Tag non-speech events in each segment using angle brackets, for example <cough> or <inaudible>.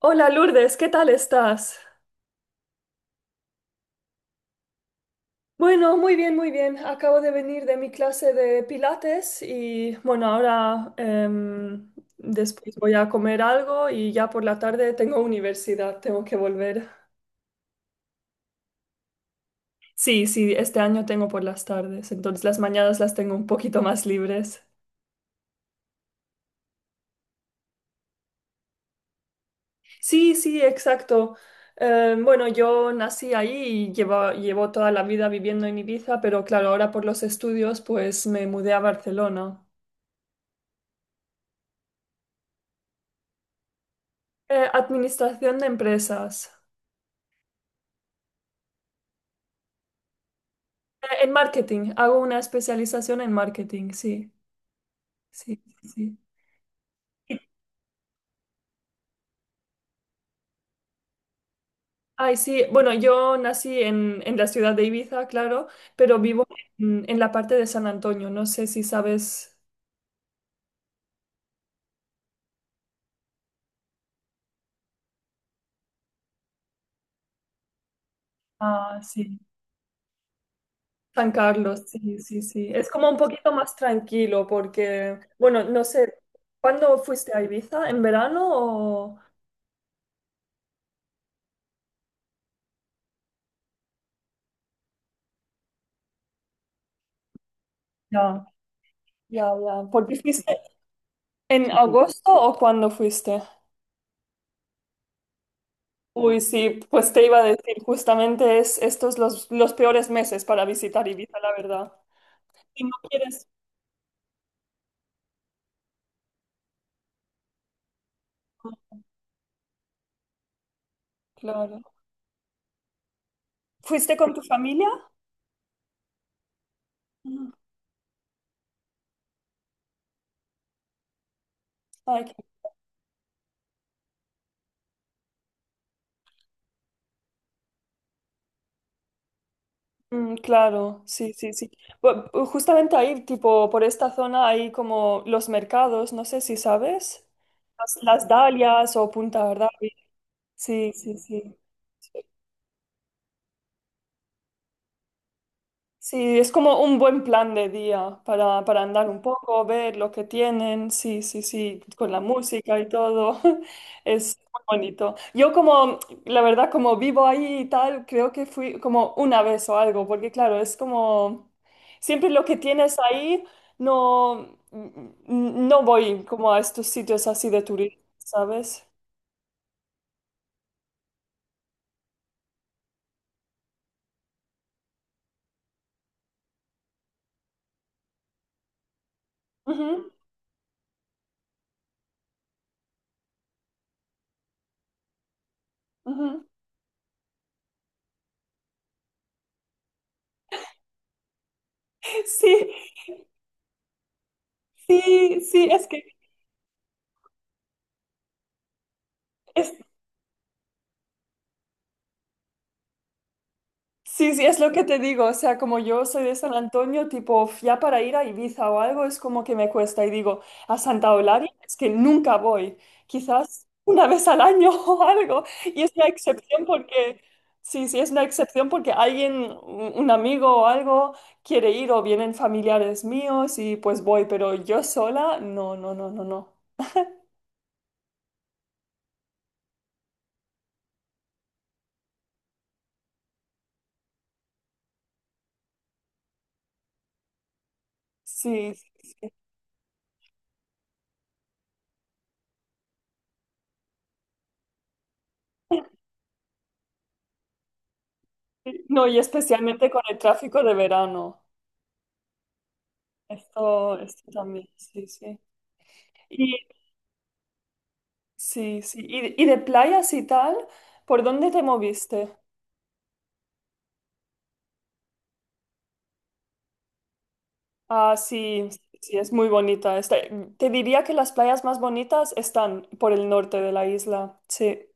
Hola Lourdes, ¿qué tal estás? Bueno, muy bien, muy bien. Acabo de venir de mi clase de pilates y bueno, ahora después voy a comer algo y ya por la tarde tengo universidad, tengo que volver. Sí, sí, este año tengo por las tardes, entonces las mañanas las tengo un poquito más libres. Sí, sí, exacto. Bueno, yo nací ahí y llevo, llevo toda la vida viviendo en Ibiza, pero claro, ahora por los estudios pues me mudé a Barcelona. Administración de empresas. En marketing, hago una especialización en marketing, sí, sí, sí. Ay, sí, bueno, yo nací en la ciudad de Ibiza, claro, pero vivo en la parte de San Antonio, no sé si sabes. Ah, sí. San Carlos, sí, sí, sí. Es como un poquito más tranquilo porque, bueno, no sé, ¿cuándo fuiste a Ibiza? ¿En verano o? Ya, ya, ya. ¿Por qué fuiste? ¿En agosto o cuándo fuiste? Uy, sí, pues te iba a decir, justamente es estos los peores meses para visitar Ibiza, la verdad. Si no quieres, no, claro. ¿Fuiste con tu familia? Mm, ay, mm, claro, sí, sí, sí. Justamente ahí, tipo, por esta zona hay como los mercados, no sé si sabes, las Dalias o Punta Ardabi. Sí, sí, sí. Sí, es como un buen plan de día para andar un poco, ver lo que tienen, sí, sí, sí, con la música y todo. <laughs> Es muy bonito. Yo como, la verdad, como vivo ahí y tal, creo que fui como una vez o algo, porque claro, es como, siempre lo que tienes ahí, no, no voy como a estos sitios así de turismo, ¿sabes? Ujú, ujú. <laughs> Sí, sí, sí, es que Sí, sí, es lo que te digo, o sea, como yo soy de San Antonio, tipo, ya para ir a Ibiza o algo es como que me cuesta y digo, a Santa Eulalia es que nunca voy, quizás una vez al año <laughs> o algo, y es una excepción porque, sí, sí, es una excepción porque alguien, un amigo o algo quiere ir o vienen familiares míos y pues voy, pero yo sola, no, no, no, no, no. Sí, <laughs> sí. No, y especialmente con el tráfico de verano, esto también, sí, sí. Sí, sí. ¿Y y de playas y tal? ¿Por dónde te moviste? Ah, sí, sí, es muy bonita. Te diría que las playas más bonitas están por el norte de la isla. Sí.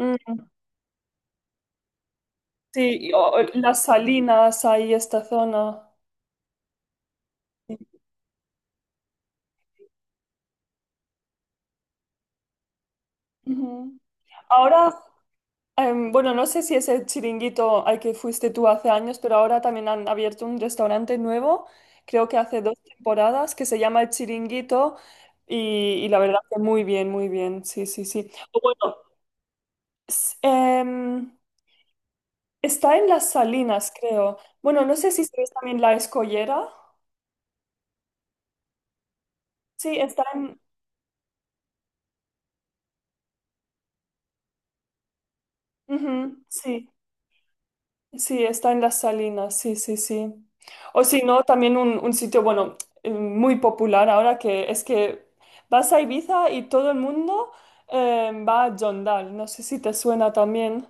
Mm, sí, y, o las salinas, ahí esta zona. Sí. Ujú. Ahora bueno, no sé si es el chiringuito al que fuiste tú hace años, pero ahora también han abierto un restaurante nuevo, creo que hace dos temporadas, que se llama El Chiringuito y la verdad que muy bien, sí, sí, sí. O bueno, s- em, está en Las Salinas, creo. Bueno, no sé si es también La Escollera. Sí, está en ujú, sí. Sí, está en las Salinas, sí, sí, sí. O si no, también un sitio, bueno, muy popular ahora que es que vas a Ibiza y todo el mundo va a Jondal. No sé si te suena también.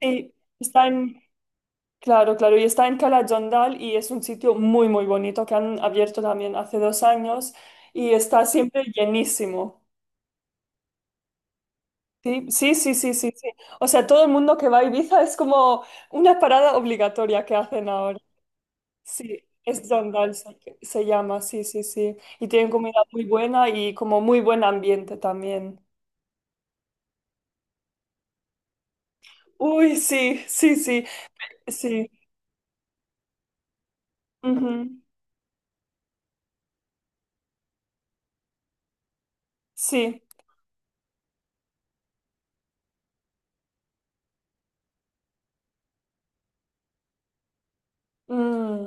Sí, está en, claro, claro, y está en Cala Jondal y es un sitio muy, muy bonito que han abierto también hace dos años y está siempre llenísimo. Sí, sí, sí, sí, sí, sí. O sea, todo el mundo que va a Ibiza es como una parada obligatoria que hacen ahora. Sí, es Dangal, se llama, sí, sí, sí. Y tienen comida muy buena y como muy buen ambiente también. Uy, sí, sí, sí, sí. Ujú, sí. Mm.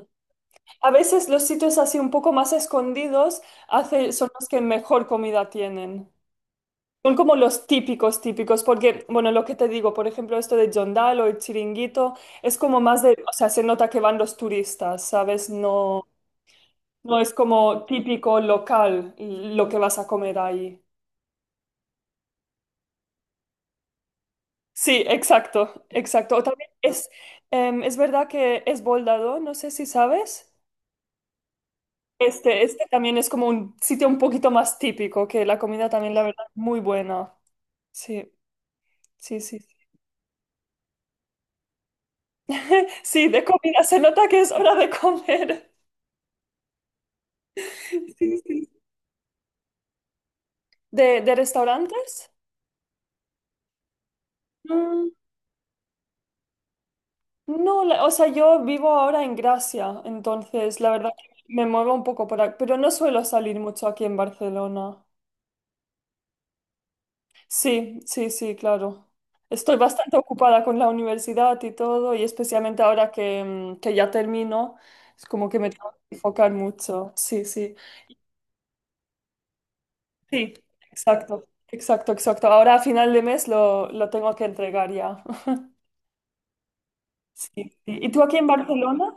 A veces los sitios así un poco más escondidos hace, son los que mejor comida tienen. Son como los típicos, típicos, porque, bueno, lo que te digo, por ejemplo, esto de Jondal o el Chiringuito, es como más de, o sea, se nota que van los turistas, ¿sabes? No. No es como típico local lo que vas a comer ahí. Sí, exacto, exacto. O también es, es verdad que es Boldado, no sé si sabes. Este también es como un sitio un poquito más típico, que la comida también, la verdad, muy buena. Sí, sí, sí. <laughs> Sí, de comida, se nota que es hora de comer. <laughs> Sí, sí. De restaurantes? No, o sea, yo vivo ahora en Gracia, entonces la verdad que me muevo un poco por aquí, pero no suelo salir mucho aquí en Barcelona. Sí, sí, sí, claro. Estoy bastante ocupada con la universidad y todo, y especialmente ahora que, mm, que ya termino, es como que me tengo que enfocar mucho. Sí, sí, sí, exacto, exacto, exacto. Ahora a final de mes lo tengo que entregar ya. <laughs> Sí, sí. ¿Y tú aquí en Barcelona?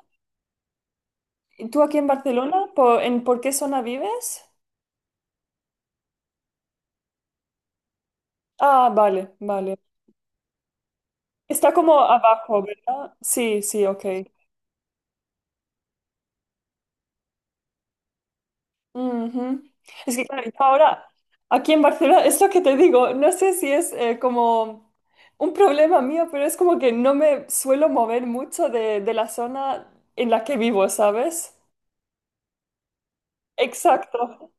¿Y tú aquí en Barcelona? ¿Por, en, por qué zona vives? Ah, vale, vale. Está como abajo, ¿verdad? Sí, sí, ok. Ujú. Es que claro, yo ahora aquí en Barcelona, esto que te digo, no sé si es como un problema mío, pero es como que no me suelo mover mucho de la zona en la que vivo, ¿sabes? Exacto.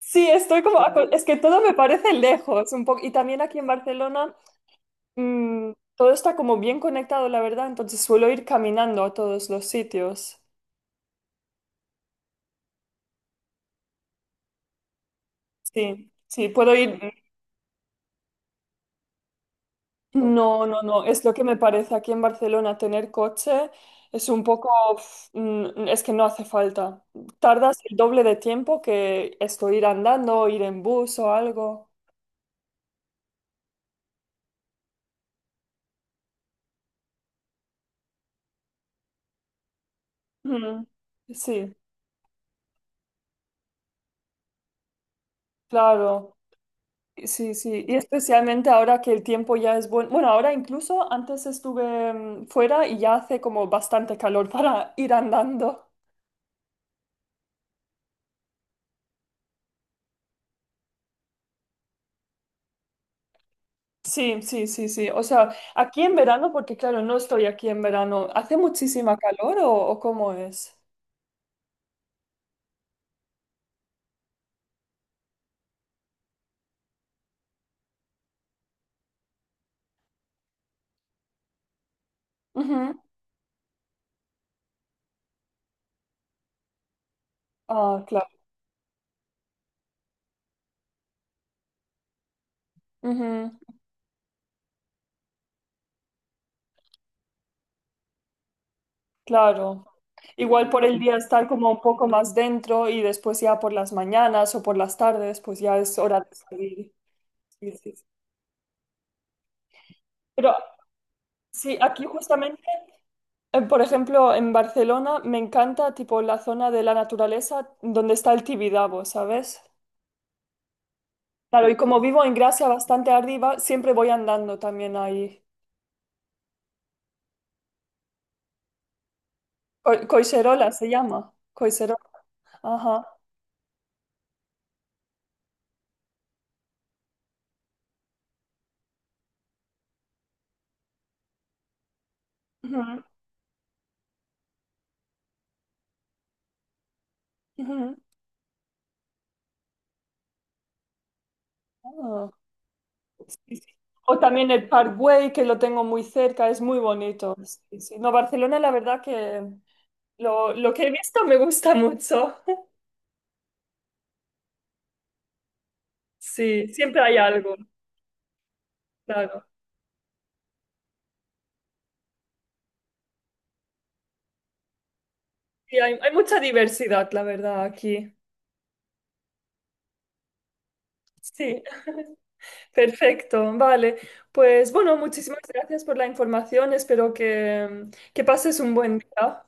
Sí, estoy como, es que todo me parece lejos un poco, y también aquí en Barcelona mm, todo está como bien conectado, la verdad, entonces suelo ir caminando a todos los sitios. Sí, sí, puedo ir. No, no, no, es lo que me parece aquí en Barcelona tener coche es un poco, uf, mm, es que no hace falta. Tardas el doble de tiempo que esto ir andando, ir en bus o algo. Mm, sí, claro. Sí, sí, y especialmente ahora que el tiempo ya es bueno. Bueno, ahora incluso antes estuve fuera y ya hace como bastante calor <laughs> para ir andando. Sí, sí, sí, sí. O sea, aquí en verano, porque claro, no estoy aquí en verano. ¿Hace muchísima calor o cómo es? Ujú. Ah, claro. Ujú, claro. Igual por el día estar como un poco más dentro y después ya por las mañanas o por las tardes, pues ya es hora de salir. Sí, sí, sí. Pero sí, aquí justamente, por ejemplo, en Barcelona me encanta tipo la zona de la naturaleza donde está el Tibidabo, ¿sabes? Claro, y como vivo en Gracia bastante arriba, siempre voy andando también ahí. Coiserola se llama. Coiserola. Ajá. Ujú, ujú. Ah, sí, sí. O también el Parkway, que lo tengo muy cerca, es muy bonito. Sí, sí. No, Barcelona, la verdad que lo que he visto me gusta mucho. <laughs> Sí, siempre hay algo, claro. Y hay mucha diversidad, la verdad, aquí. Sí. <laughs> Perfecto, vale. Pues bueno, muchísimas gracias por la información. Espero que pases un buen día.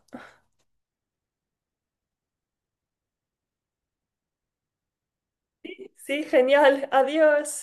Sí, sí, genial. Adiós.